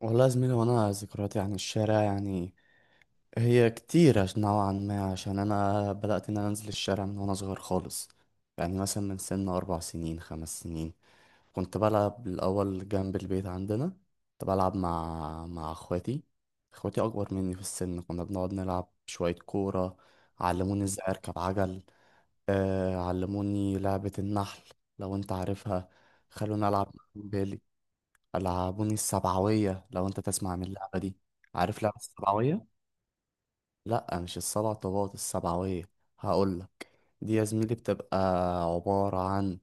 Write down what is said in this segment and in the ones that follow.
والله يا زميلي، وانا ذكرياتي عن الشارع يعني هي كتيرة نوعا ما. عشان انا بدأت ان انا انزل الشارع من وانا صغير خالص. يعني مثلا من سن 4 سنين 5 سنين كنت بلعب الاول جنب البيت عندنا. كنت بلعب مع اخواتي. اخواتي اكبر مني في السن. كنا بنقعد نلعب شوية كورة. علموني ازاي اركب عجل. آه، علموني لعبة النحل لو انت عارفها. خلوني العب. العابوني السبعوية، لو انت تسمع من اللعبة دي. عارف لعبة السبعوية؟ لأ، مش السبع طوبات، السبعوية. هقولك، دي يا زميلي بتبقى عبارة عن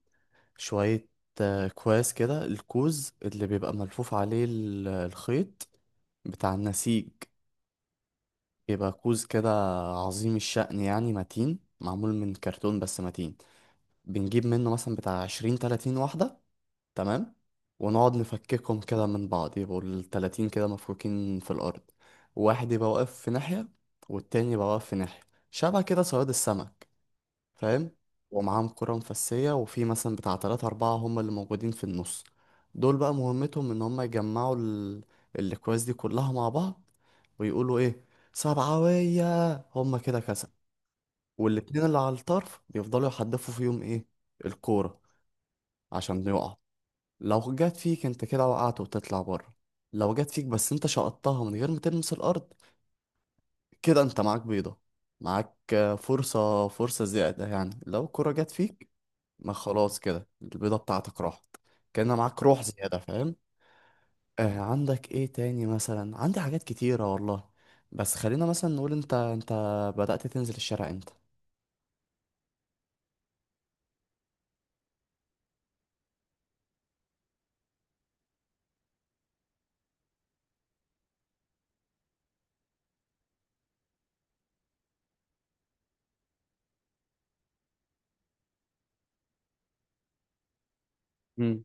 شوية كواس كده. الكوز اللي بيبقى ملفوف عليه الخيط بتاع النسيج بيبقى كوز كده عظيم الشأن يعني متين، معمول من كرتون بس متين. بنجيب منه مثلا بتاع 20 30 واحدة، تمام. ونقعد نفككهم كده من بعض، يبقوا الـ30 كده مفكوكين في الأرض. واحد يبقى واقف في ناحية، والتاني يبقى واقف في ناحية، شبه كده صياد السمك، فاهم. ومعاهم كرة مفسية، وفي مثلا بتاع تلاتة أربعة هم اللي موجودين في النص. دول بقى مهمتهم إن هم يجمعوا ال... الأكواز دي كلها مع بعض، ويقولوا إيه، سبعوية، هم كده كسب. والاتنين اللي على الطرف يفضلوا يحدفوا فيهم إيه، الكورة، عشان يقعوا. لو جت فيك انت كده وقعت وتطلع بره. لو جت فيك بس انت شقطتها من غير ما تلمس الارض، كده انت معاك بيضة. معاك فرصة زيادة يعني. لو الكرة جت فيك، ما خلاص كده البيضة بتاعتك راحت. كان معاك روح زيادة، فاهم. آه، عندك ايه تاني؟ مثلا عندي حاجات كتيرة والله. بس خلينا مثلا نقول، انت بدأت تنزل الشارع امتى؟ امم.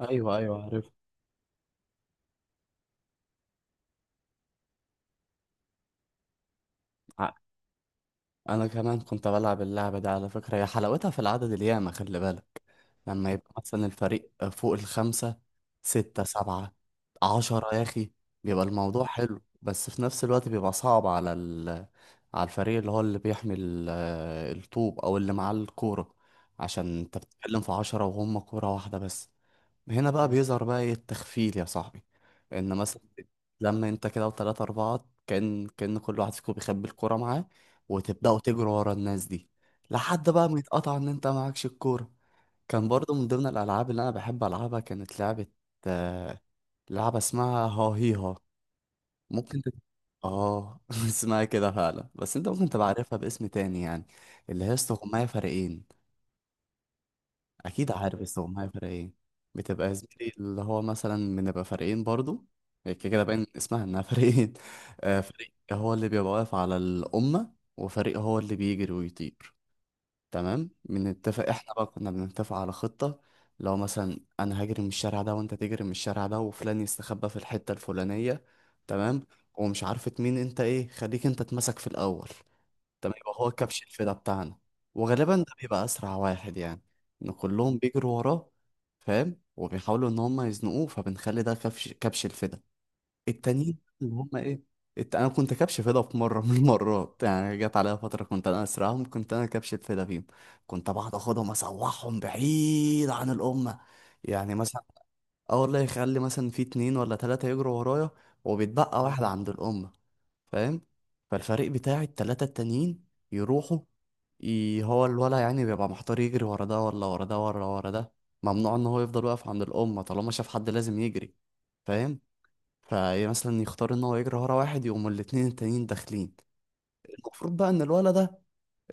ايوه، ايوه، عارف. انا كمان كنت بلعب اللعبه دي على فكره. هي حلاوتها في العدد الياما، خلي بالك. لما يبقى مثلا الفريق فوق الخمسه، سته، سبعه، 10 يا اخي، بيبقى الموضوع حلو. بس في نفس الوقت بيبقى صعب على ال... على الفريق اللي هو اللي بيحمل الطوب، او اللي معاه الكوره، عشان انت بتتكلم في 10 وهم كوره واحده بس. هنا بقى بيظهر بقى ايه التخفيل يا صاحبي. ان مثلا لما انت كده وتلاتة اربعة، كان كل واحد فيكم بيخبي الكورة معاه، وتبدأوا تجروا ورا الناس دي لحد بقى ما يتقطع ان انت معكش الكورة. كان برضو من ضمن الالعاب اللي انا بحب العبها كانت لعبة آه، لعبة اسمها ها هي ها. ممكن اه اسمها كده فعلا، بس انت ممكن تبقى عارفها باسم تاني يعني. اللي هي استغماية فريقين. اكيد عارف، بس هو معايا فرق ايه. بتبقى يا زميلي اللي هو مثلا بنبقى فريقين برضو. هي كده كده باين من اسمها انها فريقين. آه، فريق هو اللي بيبقى واقف على الأمة، وفريق هو اللي بيجري ويطير. تمام. بنتفق احنا بقى، كنا بنتفق على خطة. لو مثلا انا هجري من الشارع ده، وانت تجري من الشارع ده، وفلان يستخبى في الحتة الفلانية، تمام. ومش عارفة مين انت ايه، خليك انت اتمسك في الأول. طب يبقى هو كبش الفدا بتاعنا. وغالبا ده بيبقى اسرع واحد يعني، ان كلهم بيجروا وراه، فاهم. وبيحاولوا ان هم يزنقوه، فبنخلي ده كبش الفدا. التانيين اللي هم ايه، انا كنت كبش فدا في مره من المرات. يعني جت عليا فتره كنت انا اسرعهم، كنت انا كبش الفدا فيهم. كنت بقعد اخدهم اسوحهم بعيد عن الامه. يعني مثلا، اه والله، يخلي مثلا في اتنين ولا تلاته يجروا ورايا، وبيتبقى واحد عند الامه، فاهم. فالفريق بتاعي التلاتة التانيين يروحوا. هو الولا يعني بيبقى محتار يجري ورا ده ولا ورا ده ولا ورا ده. ممنوع ان هو يفضل واقف عند الأمة طالما شاف حد، لازم يجري، فاهم. فمثلا يختار ان هو يجري ورا واحد، يقوم الاتنين التانيين داخلين. المفروض بقى ان الولا ده،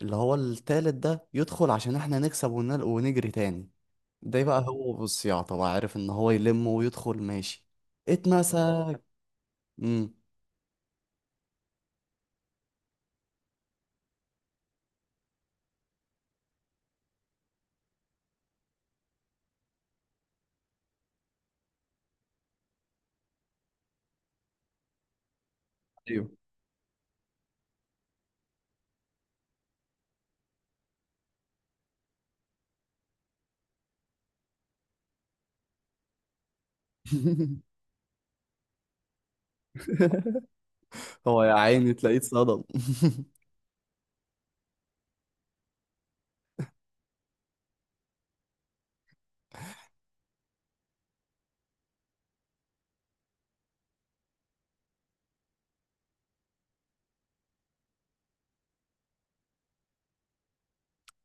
اللي هو التالت ده، يدخل عشان احنا نكسب ونجري تاني. ده بقى هو بالصياعة طبعا عارف ان هو يلم ويدخل، ماشي. اتمسك. امم. ايوه. هو يا عيني تلاقيه اتصدم.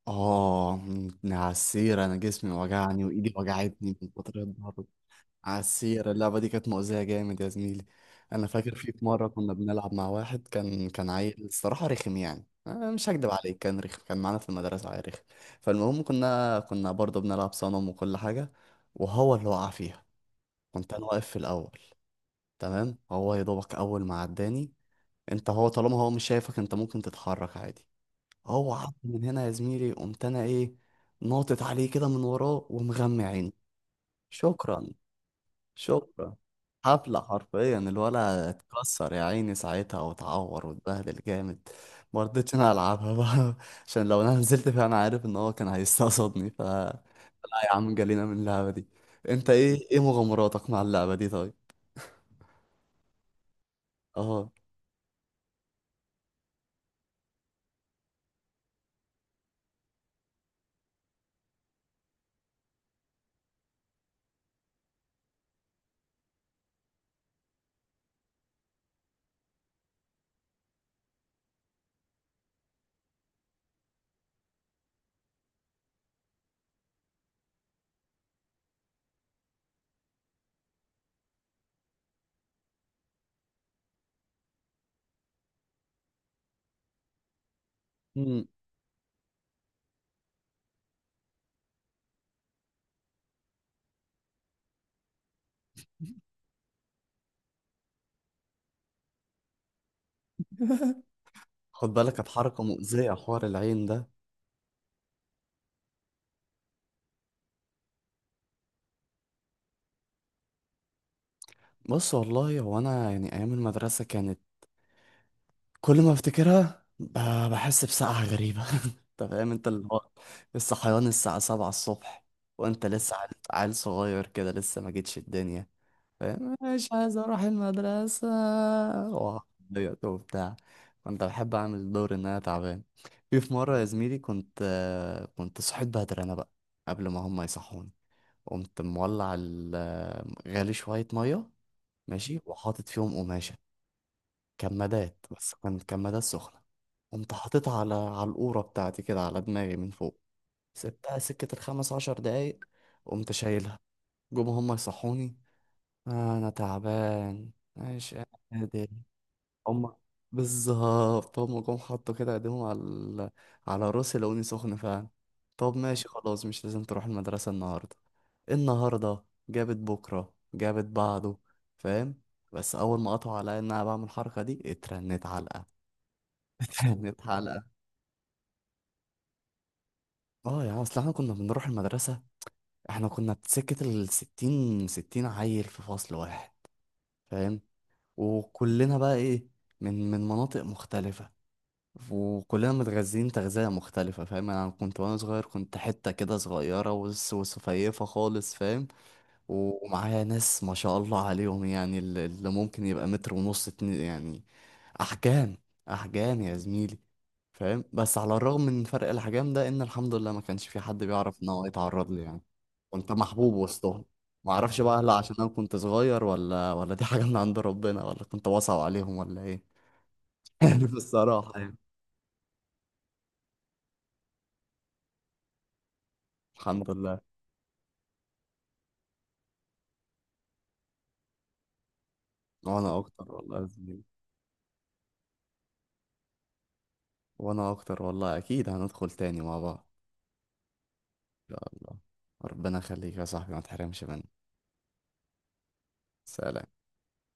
اه، من عالسيرة انا جسمي وجعني وايدي وجعتني من كتر الضرب. عالسيرة اللعبة دي كانت مؤذية جامد يا زميلي. انا فاكر في في مرة كنا بنلعب مع واحد، كان عيل الصراحة رخم. يعني أنا مش هكدب عليك، كان رخم. كان معانا في المدرسة عيل رخم. فالمهم، كنا برضه بنلعب صنم وكل حاجة، وهو اللي وقع فيها. كنت انا واقف في الاول، تمام. هو يا دوبك اول ما عداني، انت هو طالما هو مش شايفك انت ممكن تتحرك عادي، هو عض من هنا يا زميلي. قمت انا ايه، ناطط عليه كده من وراه ومغمى عيني. شكرا. شكرا. حفلة حرفيا الولا اتكسر يا عيني ساعتها، واتعور واتبهدل جامد. ما رضيتش انا العبها بقى. عشان لو انا نزلت فيها، انا عارف ان هو كان هيستقصدني. لا يا عم، جالينا من اللعبة دي. انت ايه، ايه مغامراتك مع اللعبة دي طيب؟ اه. مم. خد بالك، كانت حركة مؤذية، حوار العين ده. بص والله، هو انا يعني ايام المدرسة كانت كل ما افتكرها بحس بسقعة غريبة. انت فاهم، انت اللي هو الصحيان الساعة 7 الصبح، وانت لسه عيل، عيل صغير كده لسه ما جيتش الدنيا، فاهم. مش عايز اروح المدرسة، وعضيت وبتاع. كنت بحب اعمل دور ان انا تعبان. في في مرة يا زميلي، كنت كنت صحيت بدري انا بقى، قبل ما هم يصحوني. قمت مولع غالي شوية مية، ماشي. وحاطط فيهم قماشة، كمادات، بس كانت كمادات سخنة. قمت حاططها على القورة بتاعتي كده، على دماغي من فوق. سبتها سكة الـ15 دقيقة، قمت شايلها. جم هما يصحوني، آه أنا تعبان مش قادر. هما، بالظبط هما جم حطوا كده ايديهم على على راسي، لقوني سخن فعلا. طب ماشي خلاص، مش لازم تروح المدرسة النهاردة. النهاردة جابت بكرة، جابت بعده، فاهم. بس أول ما قطعوا عليا إن أنا بعمل الحركة دي، اترنت علقة. كانت حلقة. اه يا عم، اصل احنا كنا بنروح المدرسة، احنا كنا سكة الستين، ستين عيل في فصل واحد، فاهم. وكلنا بقى ايه، من مناطق مختلفة، وكلنا متغذين تغذية مختلفة، فاهم. يعني انا كنت وانا صغير كنت حتة كده صغيرة وسفيفة خالص، فاهم. ومعايا ناس ما شاء الله عليهم، يعني اللي ممكن يبقى متر ونص، اتنين يعني، احجام، احجام يا زميلي، فاهم. بس على الرغم من فرق الاحجام ده، ان الحمد لله ما كانش في حد بيعرف ان هو يتعرض لي يعني. كنت محبوب وسطهم. ما اعرفش بقى، هل عشان انا كنت صغير، ولا دي حاجه من عند ربنا، ولا كنت واسع عليهم، ولا ايه؟ عارف الصراحه يعني. الحمد لله. وانا اكتر والله يا زميلي، وانا اكتر والله. اكيد هندخل تاني مع بعض ان شاء الله. ربنا يخليك يا صاحبي، ما تحرمش مني. سلام.